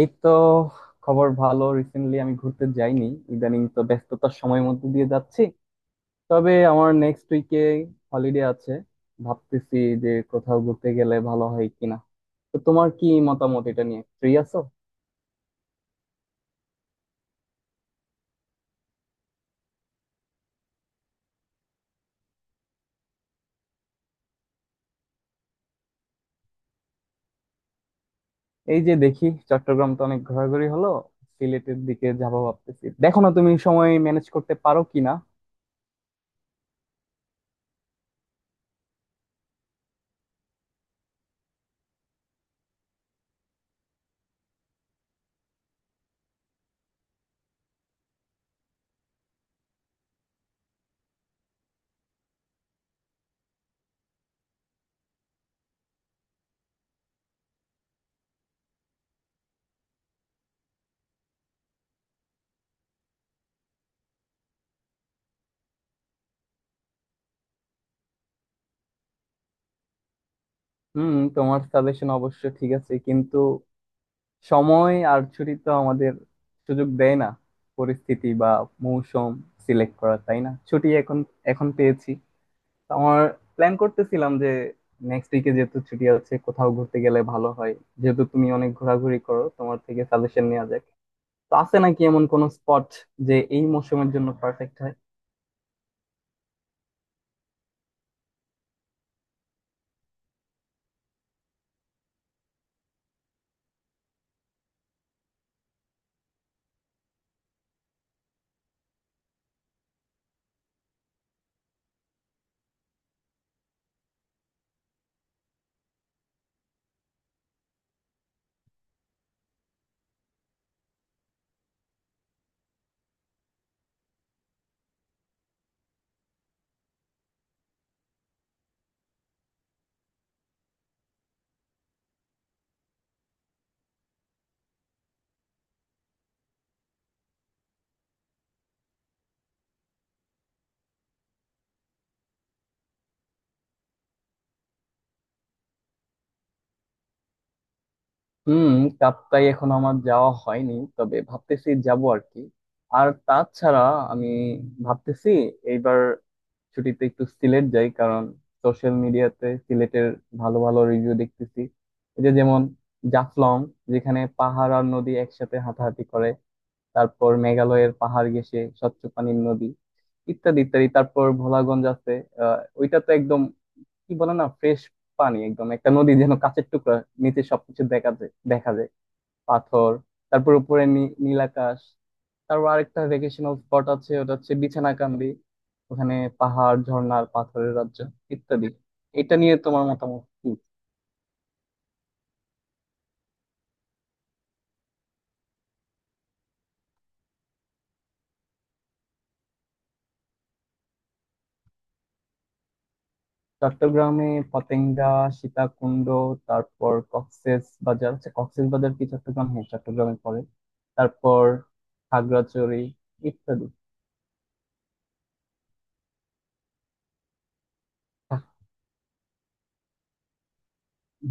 এই তো। খবর ভালো, রিসেন্টলি আমি ঘুরতে যাইনি। ইদানিং তো ব্যস্ততার সময়ের মধ্যে দিয়ে যাচ্ছি। তবে আমার নেক্সট উইকে হলিডে আছে। ভাবতেছি যে কোথাও ঘুরতে গেলে ভালো হয় কিনা। তো তোমার কি মতামত, এটা নিয়ে ফ্রি আছো? এই যে দেখি চট্টগ্রাম তো অনেক ঘোরাঘুরি হলো, সিলেটের দিকে যাবো ভাবতেছি, দেখো না তুমি সময় ম্যানেজ করতে পারো কিনা। হুম, তোমার সাজেশন অবশ্য ঠিক আছে, কিন্তু সময় আর ছুটি তো আমাদের সুযোগ দেয় না পরিস্থিতি বা মৌসুম সিলেক্ট করা, তাই না? ছুটি এখন এখন পেয়েছি, তো আমার প্ল্যান করতেছিলাম যে নেক্সট উইকে যেহেতু ছুটি আছে কোথাও ঘুরতে গেলে ভালো হয়। যেহেতু তুমি অনেক ঘোরাঘুরি করো, তোমার থেকে সাজেশন নেওয়া যাক। তো আছে নাকি এমন কোনো স্পট যে এই মৌসুমের জন্য পারফেক্ট হয়? হুম। কাপ্তাই এখন আমার যাওয়া হয়নি, তবে ভাবতেছি যাব আর কি। আর তাছাড়া আমি ভাবতেছি এইবার ছুটিতে একটু সিলেট যাই, কারণ সোশ্যাল মিডিয়াতে সিলেটের ভালো ভালো রিভিউ দেখতেছি। এই যে যেমন জাফলং, যেখানে পাহাড় আর নদী একসাথে হাতাহাতি করে, তারপর মেঘালয়ের পাহাড় ঘেঁষে স্বচ্ছ পানির নদী, ইত্যাদি ইত্যাদি। তারপর ভোলাগঞ্জ আছে, আহ ওইটা তো একদম কি বলে না, ফ্রেশ পানি, একদম একটা নদী যেন কাচের টুকরা, নিচে সবকিছু দেখা যায় দেখা যায় পাথর, তারপর উপরে নীল আকাশ। তারপর আরেকটা ভেকেশনাল স্পট আছে, ওটা হচ্ছে বিছানাকান্দি। ওখানে পাহাড় ঝর্ণার পাথরের রাজ্য ইত্যাদি। এটা নিয়ে তোমার মতামত কি? চট্টগ্রামে পতেঙ্গা, সীতাকুণ্ড, তারপর কক্সেস বাজার। আচ্ছা কক্সেস বাজার কি চট্টগ্রাম? হ্যাঁ, চট্টগ্রামে পড়ে। তারপর খাগড়াছড়ি ইত্যাদি।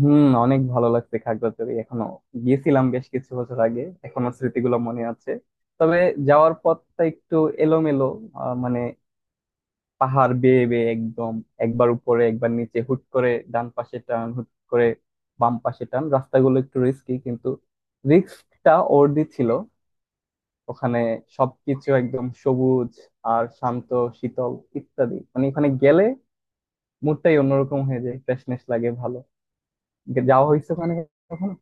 হুম, অনেক ভালো লাগছে খাগড়াছড়ি। এখনো গিয়েছিলাম বেশ কিছু বছর আগে, এখনো স্মৃতিগুলো মনে আছে। তবে যাওয়ার পথটা একটু এলোমেলো, মানে পাহাড় বেয়ে বেয়ে একদম একবার উপরে একবার নিচে, হুট করে ডান পাশে টান, হুট করে বাম পাশে টান, রাস্তাগুলো একটু রিস্কি, কিন্তু রিস্কটা ওর্দি ছিল। ওখানে সবকিছু একদম সবুজ আর শান্ত, শীতল ইত্যাদি। মানে ওখানে গেলে মুডটাই অন্যরকম হয়ে যায়, ফ্রেশনেস লাগে ভালো। যাওয়া হয়েছে ওখানে কখনো?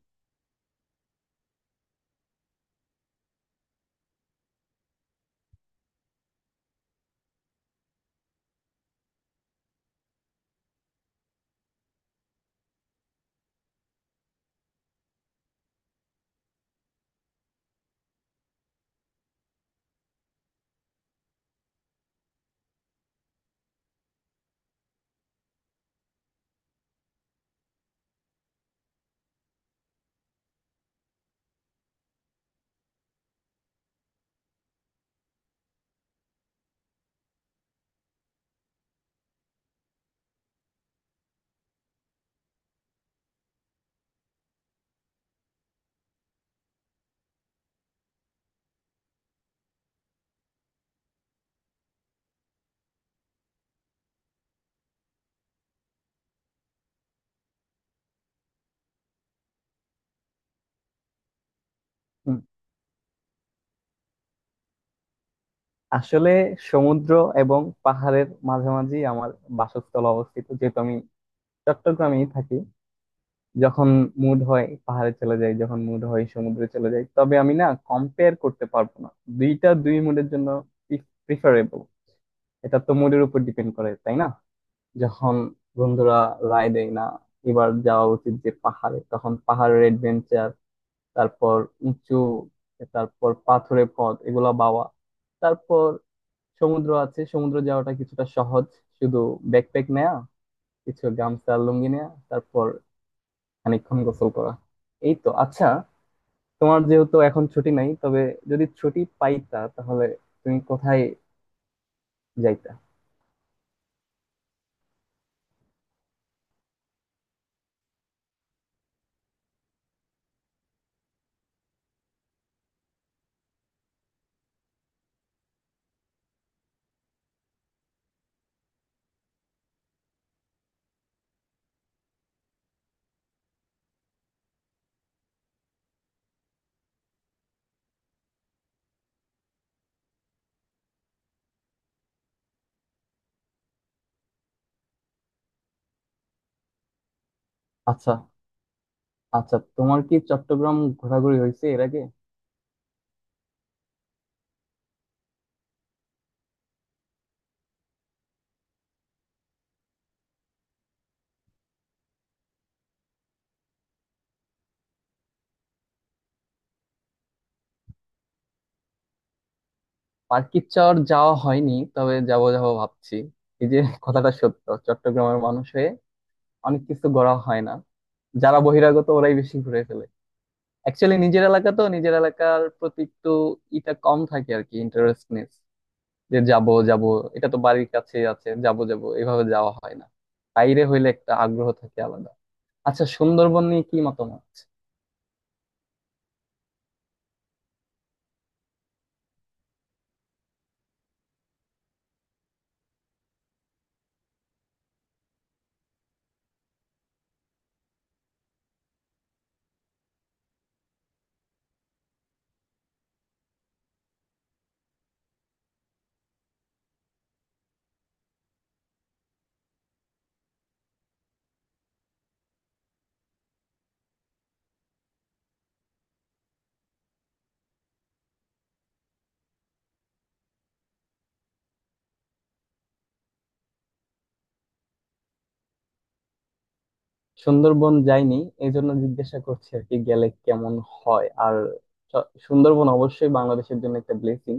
আসলে সমুদ্র এবং পাহাড়ের মাঝামাঝি আমার বাসস্থল অবস্থিত, যেহেতু আমি চট্টগ্রামেই থাকি। যখন মুড হয় পাহাড়ে চলে যাই, যখন মুড হয় সমুদ্রে চলে যাই। তবে আমি না কম্পেয়ার করতে পারবো না, দুইটা দুই মুডের জন্য প্রিফারেবল। এটা তো মুডের উপর ডিপেন্ড করে, তাই না? যখন বন্ধুরা রায় দেয় না এবার যাওয়া উচিত যে পাহাড়ে, তখন পাহাড়ের অ্যাডভেঞ্চার, তারপর উঁচু, তারপর পাথুরে পথ এগুলা বাওয়া। তারপর সমুদ্র আছে, সমুদ্র যাওয়াটা কিছুটা সহজ, শুধু ব্যাকপ্যাক নেয়া, কিছু গামছা লুঙ্গি নেয়া, তারপর খানিকক্ষণ গোসল করা, এই তো। আচ্ছা, তোমার যেহেতু এখন ছুটি নাই, তবে যদি ছুটি পাইতা তাহলে তুমি কোথায় যাইতা? আচ্ছা। আচ্ছা তোমার কি চট্টগ্রাম ঘোরাঘুরি হয়েছে এর আগে? পার্কিচর যাওয়া হয়নি, তবে যাব যাব ভাবছি। এই যে কথাটা সত্য, চট্টগ্রামের মানুষ হয়ে অনেক কিছু ঘোরা হয় না, যারা বহিরাগত ওরাই বেশি ঘুরে ফেলে। অ্যাকচুয়ালি নিজের এলাকা তো, নিজের এলাকার প্রতি একটু ইটা কম থাকে আর কি, ইন্টারেস্টনেস, যে যাব যাব এটা তো বাড়ির কাছেই আছে, যাব যাব এভাবে যাওয়া হয় না। বাইরে হইলে একটা আগ্রহ থাকে আলাদা। আচ্ছা সুন্দরবন নিয়ে কি মতামত? সুন্দরবন যাইনি, এই জন্য জিজ্ঞাসা করছি আর কি, গেলে কেমন হয়? আর সুন্দরবন অবশ্যই বাংলাদেশের জন্য একটা ব্লেসিং।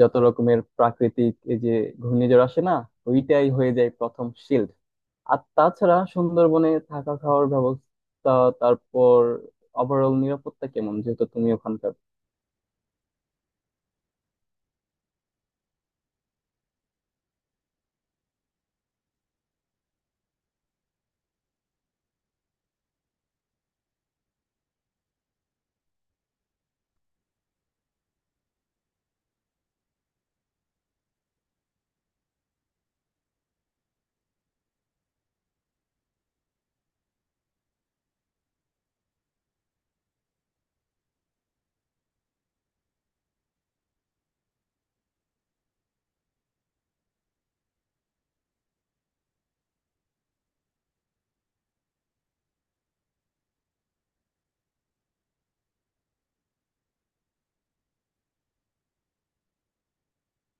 যত রকমের প্রাকৃতিক এই যে ঘূর্ণিঝড় আসে না, ওইটাই হয়ে যায় প্রথম শিল্ড। আর তাছাড়া সুন্দরবনে থাকা খাওয়ার ব্যবস্থা, তারপর ওভারঅল নিরাপত্তা কেমন, যেহেতু তুমি ওখানকার।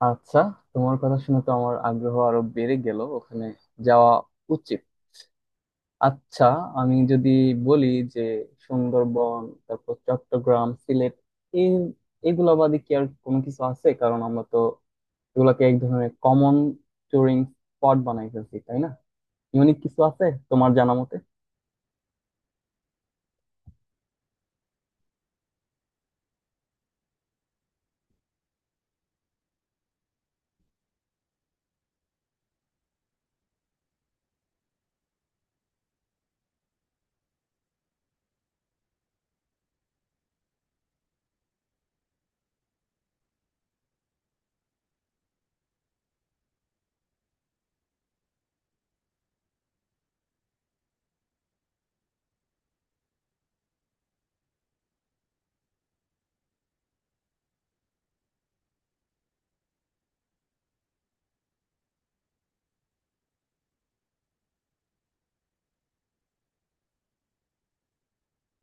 আচ্ছা তোমার কথা শুনে তো আমার আগ্রহ আরো বেড়ে গেল, ওখানে যাওয়া উচিত। আচ্ছা আমি যদি বলি যে সুন্দরবন, তারপর চট্টগ্রাম, সিলেট, এই এগুলা বাদে কি আর কোনো কিছু আছে? কারণ আমরা তো এগুলোকে এক ধরনের কমন টুরিং স্পট বানাই ফেলছি, তাই না? ইউনিক কিছু আছে তোমার জানা মতে?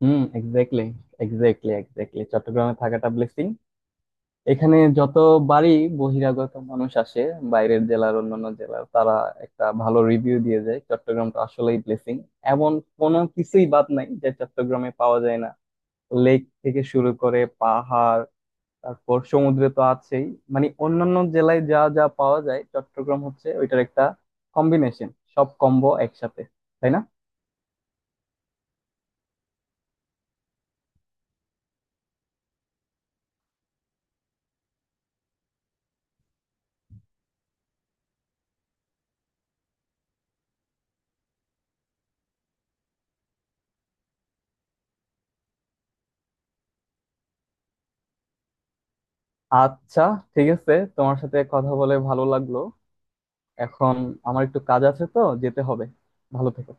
Hmm, exactly, exactly, exactly. চট্টগ্রামে থাকাটা ব্লেসিং। এখানে যত বাড়ি বহিরাগত মানুষ আসে, বাইরের জেলার, অন্যান্য জেলার, তারা একটা ভালো রিভিউ দিয়ে যায়, চট্টগ্রামটা আসলেই ব্লেসিং। এমন কোনো কিছুই বাদ নাই যে চট্টগ্রামে পাওয়া যায় না। লেক থেকে শুরু করে পাহাড়, তারপর সমুদ্রে তো আছেই, মানে অন্যান্য জেলায় যা যা পাওয়া যায় চট্টগ্রাম হচ্ছে ওইটার একটা কম্বিনেশন, সব কম্বো একসাথে, তাই না? আচ্ছা, ঠিক আছে, তোমার সাথে কথা বলে ভালো লাগলো। এখন আমার একটু কাজ আছে তো যেতে হবে। ভালো থেকো।